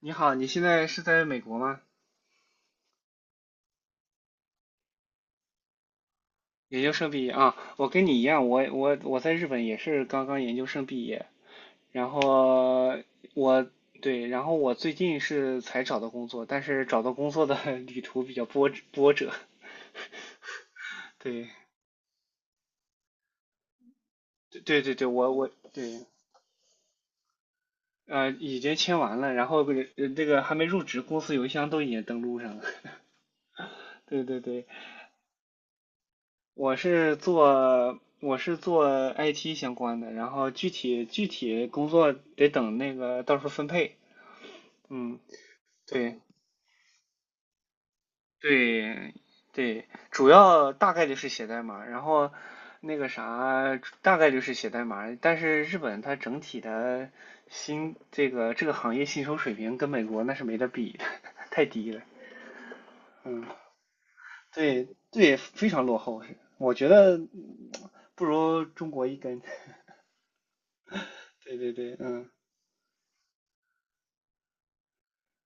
你好，你现在是在美国吗？研究生毕业啊，我跟你一样，我在日本也是刚刚研究生毕业，然后我对，然后我最近是才找到工作，但是找到工作的 旅途比较波折，对对对对，我对，已经签完了，然后这个还没入职，公司邮箱都已经登录上了，对对对，我是做 IT 相关的，然后具体工作得等那个到时候分配。嗯，对对对，主要大概率是写代码，然后那个啥大概率是写代码，但是日本它整体的薪这个这个行业薪酬水平跟美国那是没得比的，太低了。对对，非常落后是我觉得不如中国一根。对对对，嗯。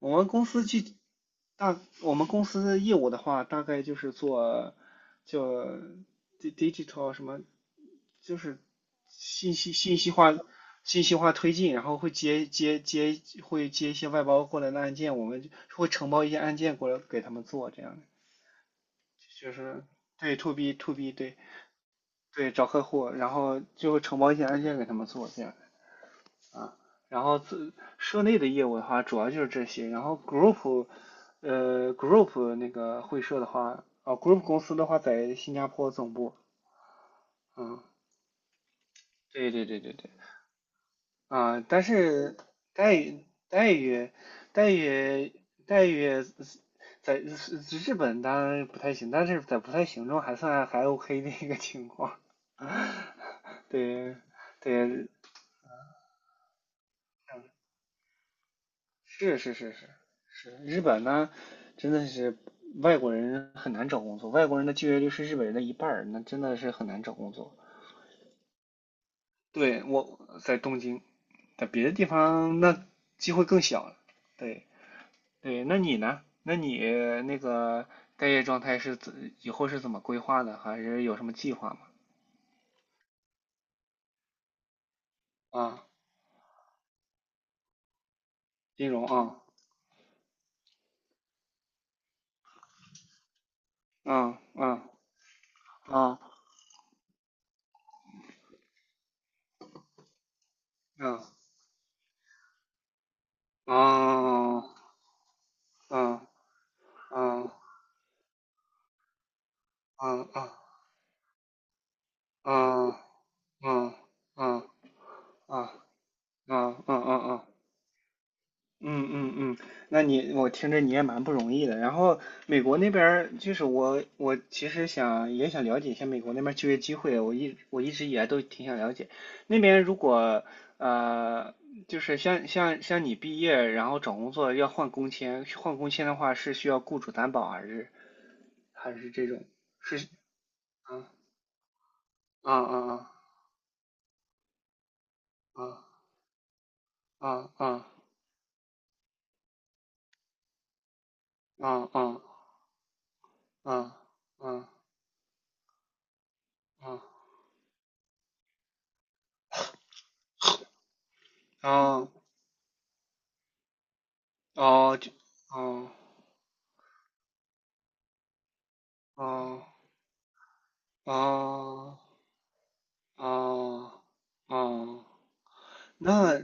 我们公司具大，我们公司的业务的话，大概就是做就 digital 什么，就是信息信息化信息化推进，然后会接接接会接一些外包过来的案件，我们就会承包一些案件过来给他们做，这样的就是对 to B 对对找客户，然后就会承包一些案件给他们做，这样。啊，然后自社内的业务的话，主要就是这些。然后 group 那个会社的话，啊，group 公司的话在新加坡总部。嗯，对对对对对。啊，但是待遇待遇待遇待遇在日日本当然不太行，但是在不太行中还算还 OK 的一个情况。对对，是是是是是，日本呢，真的是外国人很难找工作，外国人的就业率是日本人的一半儿，那真的是很难找工作。对，我在东京，在别的地方那机会更小了。对对，那你呢？那你那个待业状态是怎以后是怎么规划的？还是有什么计划吗？啊，金融啊，啊啊啊啊啊啊啊啊啊啊啊啊啊。啊啊啊啊啊！嗯嗯嗯，那你我听着你也蛮不容易的。然后美国那边儿就是我其实想也想了解一下美国那边儿就业机会，我一直以来都挺想了解。那边如果呃就是像你毕业然后找工作要换工签，换工签的话是需要雇主担保啊还是还是这种是啊啊啊啊啊啊啊啊啊啊啊啊啊啊！哦哦，就，哦，哦，哦，哦，哦，那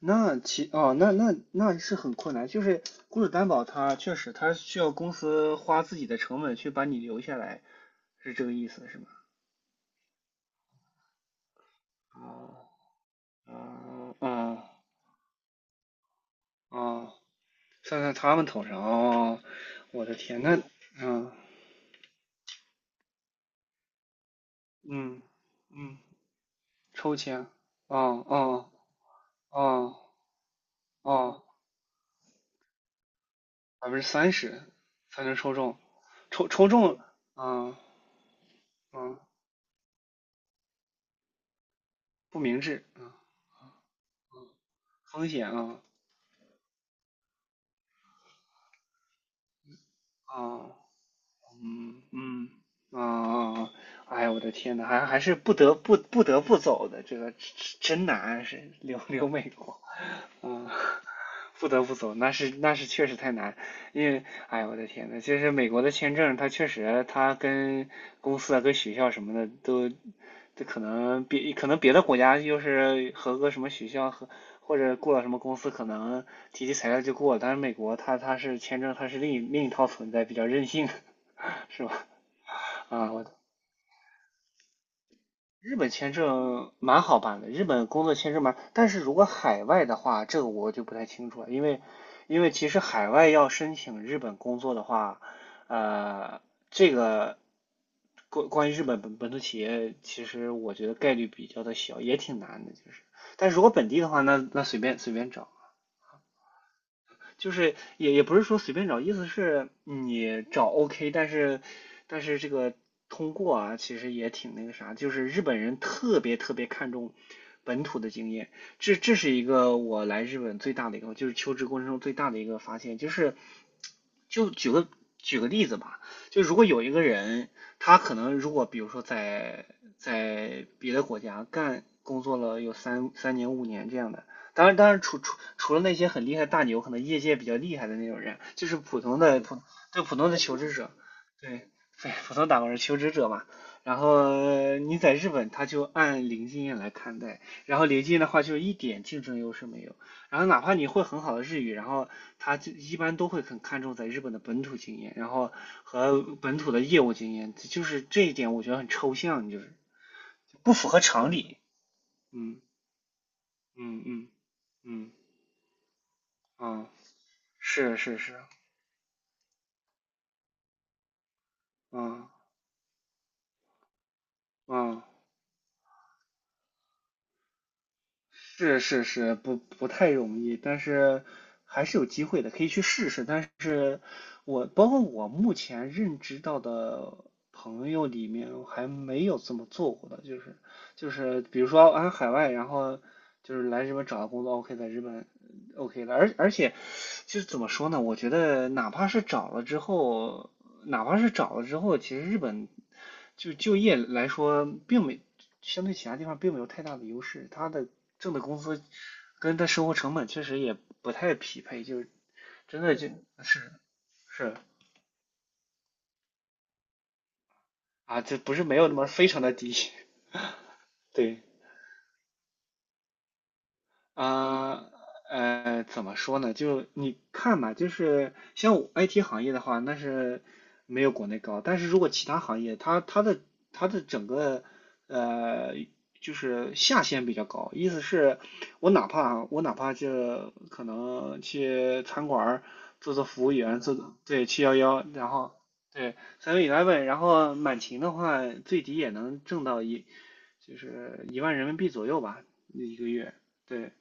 那其哦，那是很困难，就是雇主担保他确实他需要公司花自己的成本去把你留下来，是这个意思是吗？哦，哦，哦，哦，算在他们头上哦，我的天，那，嗯嗯嗯，抽签，哦哦哦哦。30%才能抽中，抽中，嗯嗯，不明智，嗯，风险啊啊，嗯嗯啊啊，哎呀，我的天呐，还是不得不走的，这个真难，是留美国，嗯。不得不走，那是确实太难，因为哎呀，我的天呐，就是美国的签证，它确实它跟公司啊、跟学校什么的都，这可能别的国家就是合格什么学校和或者过了什么公司，可能提起材料就过了，但是美国它是签证，它是另一套存在，比较任性，是吧？啊，我日本签证蛮好办的，日本工作签证蛮，但是如果海外的话，这个我就不太清楚了，因为其实海外要申请日本工作的话，呃，这个关于日本本土企业，其实我觉得概率比较的小，也挺难的，就是。但是如果本地的话，那那随便找。就是也不是说随便找，意思是你找 OK，但是这个通过啊，其实也挺那个啥，就是日本人特别特别看重本土的经验，这是一个我来日本最大的一个，就是求职过程中最大的一个发现，就是就举个举个例子吧，就如果有一个人，他可能如果比如说在别的国家干工作了有三年五年这样的，当然，当然除了那些很厉害的大牛，可能业界比较厉害的那种人，就是普通的普对普通的求职者，对对普通打工人求职者嘛。然后你在日本，他就按零经验来看待，然后零经验的话就一点竞争优势没有。然后哪怕你会很好的日语，然后他就一般都会很看重在日本的本土经验，然后和本土的业务经验，就是这一点我觉得很抽象，就是不符合常理。嗯嗯嗯嗯啊。是是是，嗯嗯，是是是，不太容易，但是还是有机会的，可以去试试。但是我包括我目前认知到的朋友里面，我还没有这么做过的，就是比如说啊海外，然后就是来日本找到工作，OK，在日本OK 了，而且就是怎么说呢？我觉得哪怕是找了之后。哪怕是找了之后，其实日本就就业来说，并没相对其他地方并没有太大的优势，他的挣的工资跟他生活成本确实也不太匹配，就是真的就是是啊，这不是没有那么非常的低，对，啊，怎么说呢？就你看吧，就是像我 IT 行业的话，那是没有国内高。但是如果其他行业，它的整个呃，就是下限比较高，意思是，我哪怕就可能去餐馆儿做做服务员，做做对711，然后对 seven eleven，然后满勤的话，最低也能挣到就是1万人民币左右吧，一个月。对，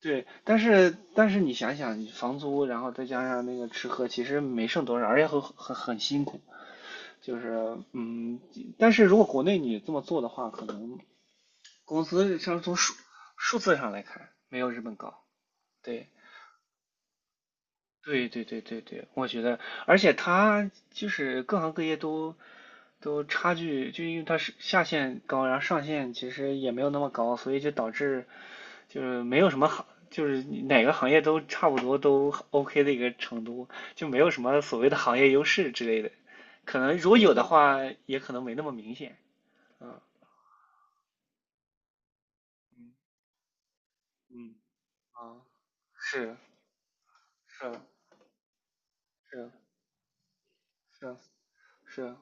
对，但是你想想，你房租，然后再加上那个吃喝，其实没剩多少，而且很辛苦。就是嗯，但是如果国内你这么做的话，可能工资上从数字上来看，没有日本高。对，对对对对对，我觉得，而且它就是各行各业都差距，就因为它是下限高，然后上限其实也没有那么高，所以就导致就是没有什么行，就是哪个行业都差不多都 OK 的一个程度，就没有什么所谓的行业优势之类的。可能如果有的话，也可能没那么明显。嗯嗯嗯，啊，是是是是是，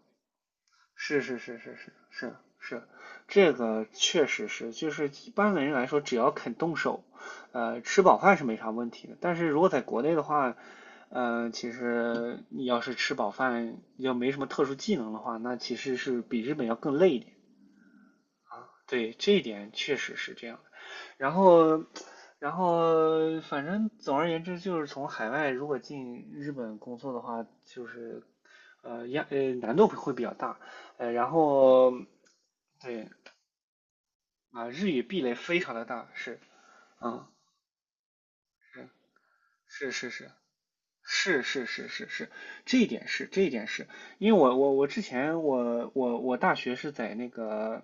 是是是是是是是，这个确实是，就是一般的人来说，只要肯动手，吃饱饭是没啥问题的。但是如果在国内的话，其实你要是吃饱饭要没什么特殊技能的话，那其实是比日本要更累一点。对，这一点确实是这样的然后，反正总而言之，就是从海外如果进日本工作的话，就是呃压呃难度会比较大，呃，然后对啊，日语壁垒非常的大，是，嗯，是是是是是是是是是，这一点是，因为我之前我大学是在那个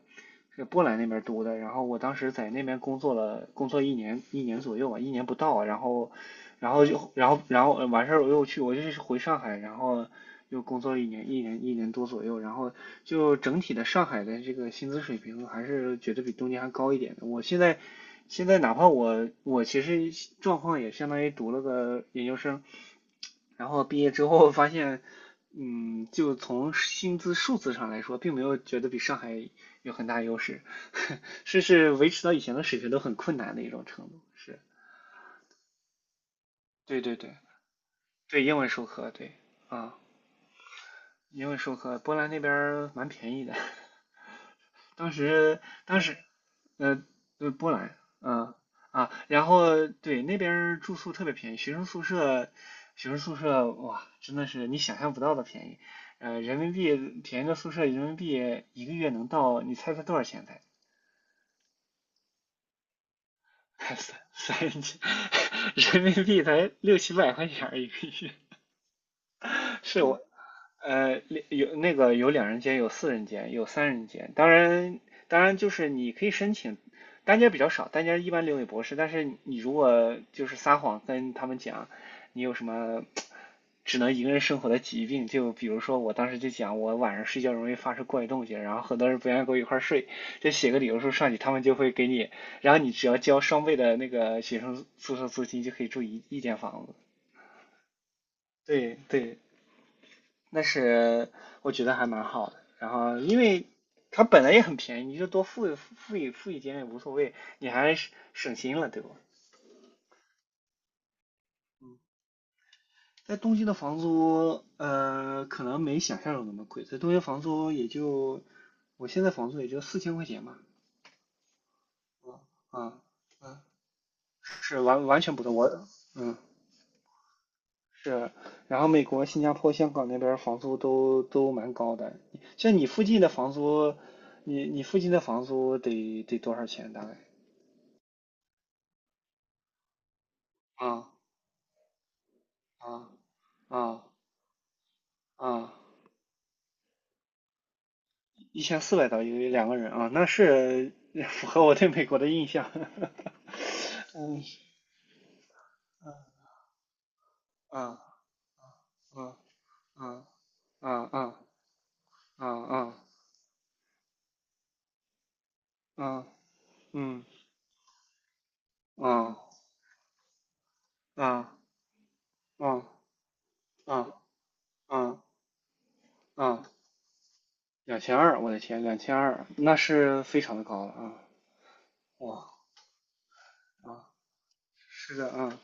是波兰那边读的，然后我当时在那边工作了，工作一年左右吧，一年不到，然后，然后完事儿我又去，我就是回上海，然后又工作一年多左右，然后就整体的上海的这个薪资水平还是觉得比东京还高一点的。我现在哪怕我其实状况也相当于读了个研究生，然后毕业之后发现，就从薪资数字上来说，并没有觉得比上海有很大优势，是维持到以前的水平都很困难的一种程度。是，对对对对，英文授课，对啊，英文授课，波兰那边儿蛮便宜的。当时当时呃波兰，然后对那边儿住宿特别便宜，学生宿舍哇真的是你想象不到的便宜，呃人民币便宜的宿舍人民币一个月能到，你猜猜多少钱才？三千 人民币才六七百块钱儿一个月，是我呃，有两人间，有四人间，有三人间。当然，就是你可以申请，单间比较少，单间一般留给博士。但是你如果就是撒谎跟他们讲你有什么只能一个人生活的疾病，就比如说我当时就讲我晚上睡觉容易发生怪动静，然后很多人不愿意跟我一块儿睡，就写个理由说上去，他们就会给你，然后你只要交双倍的那个学生宿舍租金就可以住一间房子。对对，那是我觉得还蛮好的。然后因为它本来也很便宜，你就多付一点也无所谓，你还省心了，对吧？嗯，在东京的房租，可能没想象中那么贵，在东京房租也就我现在房租也就4000块钱吧。啊，啊，嗯是完全不同，嗯是，然后美国、新加坡、香港那边房租都蛮高的，像你附近的房租，你附近的房租得多少钱大概？啊啊啊啊！1400刀一个月两个人啊，那是 符合我对美国的印象。嗯啊啊啊啊啊啊啊啊嗯啊啊啊啊啊啊！两千二，我的天，两千二，那是非常的高了啊！哇啊，是的啊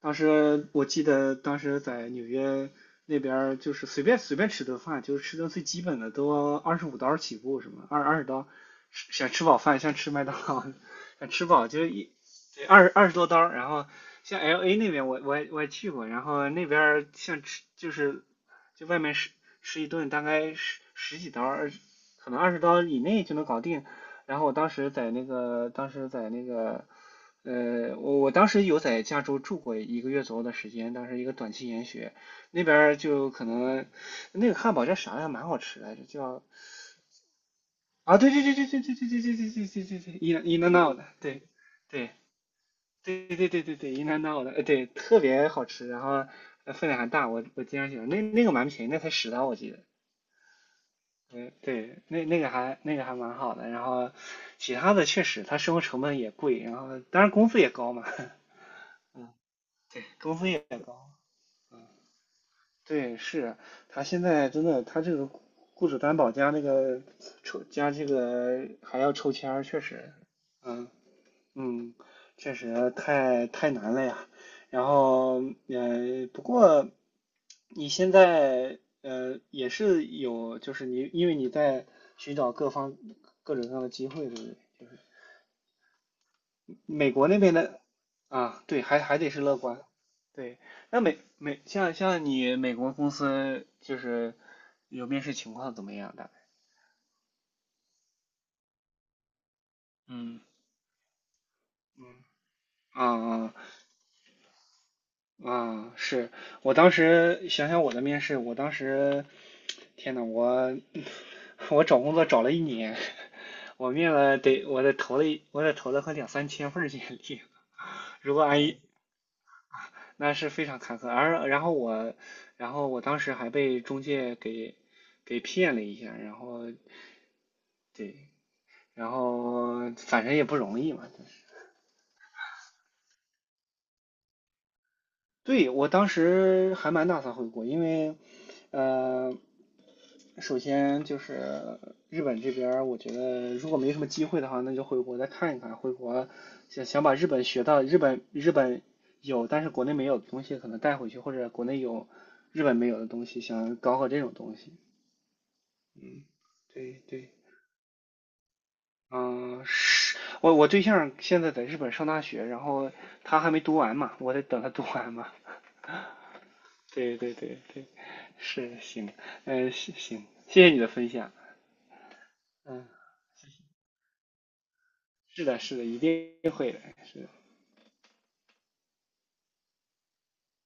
当时我记得在纽约那边就是随便吃顿饭，就是吃顿最基本的都25刀起步，什么二十刀，想吃饱饭像吃麦当劳，想吃饱就一对20多刀，然后像 LA 那边我也去过，然后那边像吃就是就外面吃一顿大概十几刀，可能二十刀以内就能搞定。然后我当时在那个当时在那个呃，我当时有在加州住过一个月左右的时间，当时一个短期研学，那边儿就可能那个汉堡叫啥来着，蛮好吃来着，叫啊，对对对对对对对对对对对对对对，In a n o 对对对对对对对对 In a n o 的，对，特别好吃，然后分量还大，我经常喜欢，那个蛮便宜，那才十刀我记得，对对，那那个还那个还蛮好的，然后其他的确实它生活成本也贵，然后当然工资也高嘛，嗯，对，工资也高。嗯对，是他现在真的，他这个雇主担保加那个抽加这个还要抽签儿，确实，嗯嗯，确实太难了呀。然后，不过你现在也是有，就是你因为你在寻找各方各种各样的机会，对不对？美国那边的啊，对，还得是乐观。对，那美美像像你美国公司就是有面试情况怎么样的？嗯嗯啊啊啊！是我当时想我的面试，我当时天呐，我 我找工作找了一年，我面了得我得投了快两三千份儿简历，如果按那是非常坎坷。而然后我，然后我当时还被中介给骗了一下，然后对，然后反正也不容易嘛，就是对我当时还蛮打算回国，因为呃，首先就是日本这边儿我觉得如果没什么机会的话，那就回国再看一看。回国想想把日本学到日本有但是国内没有的东西，可能带回去，或者国内有日本没有的东西，想搞搞这种东西。嗯，对对，嗯，是我对象现在在日本上大学，然后他还没读完嘛，我得等他读完嘛。对对对对，是行，是行，谢谢你的分享。嗯，是的，是的，一定会的，是的。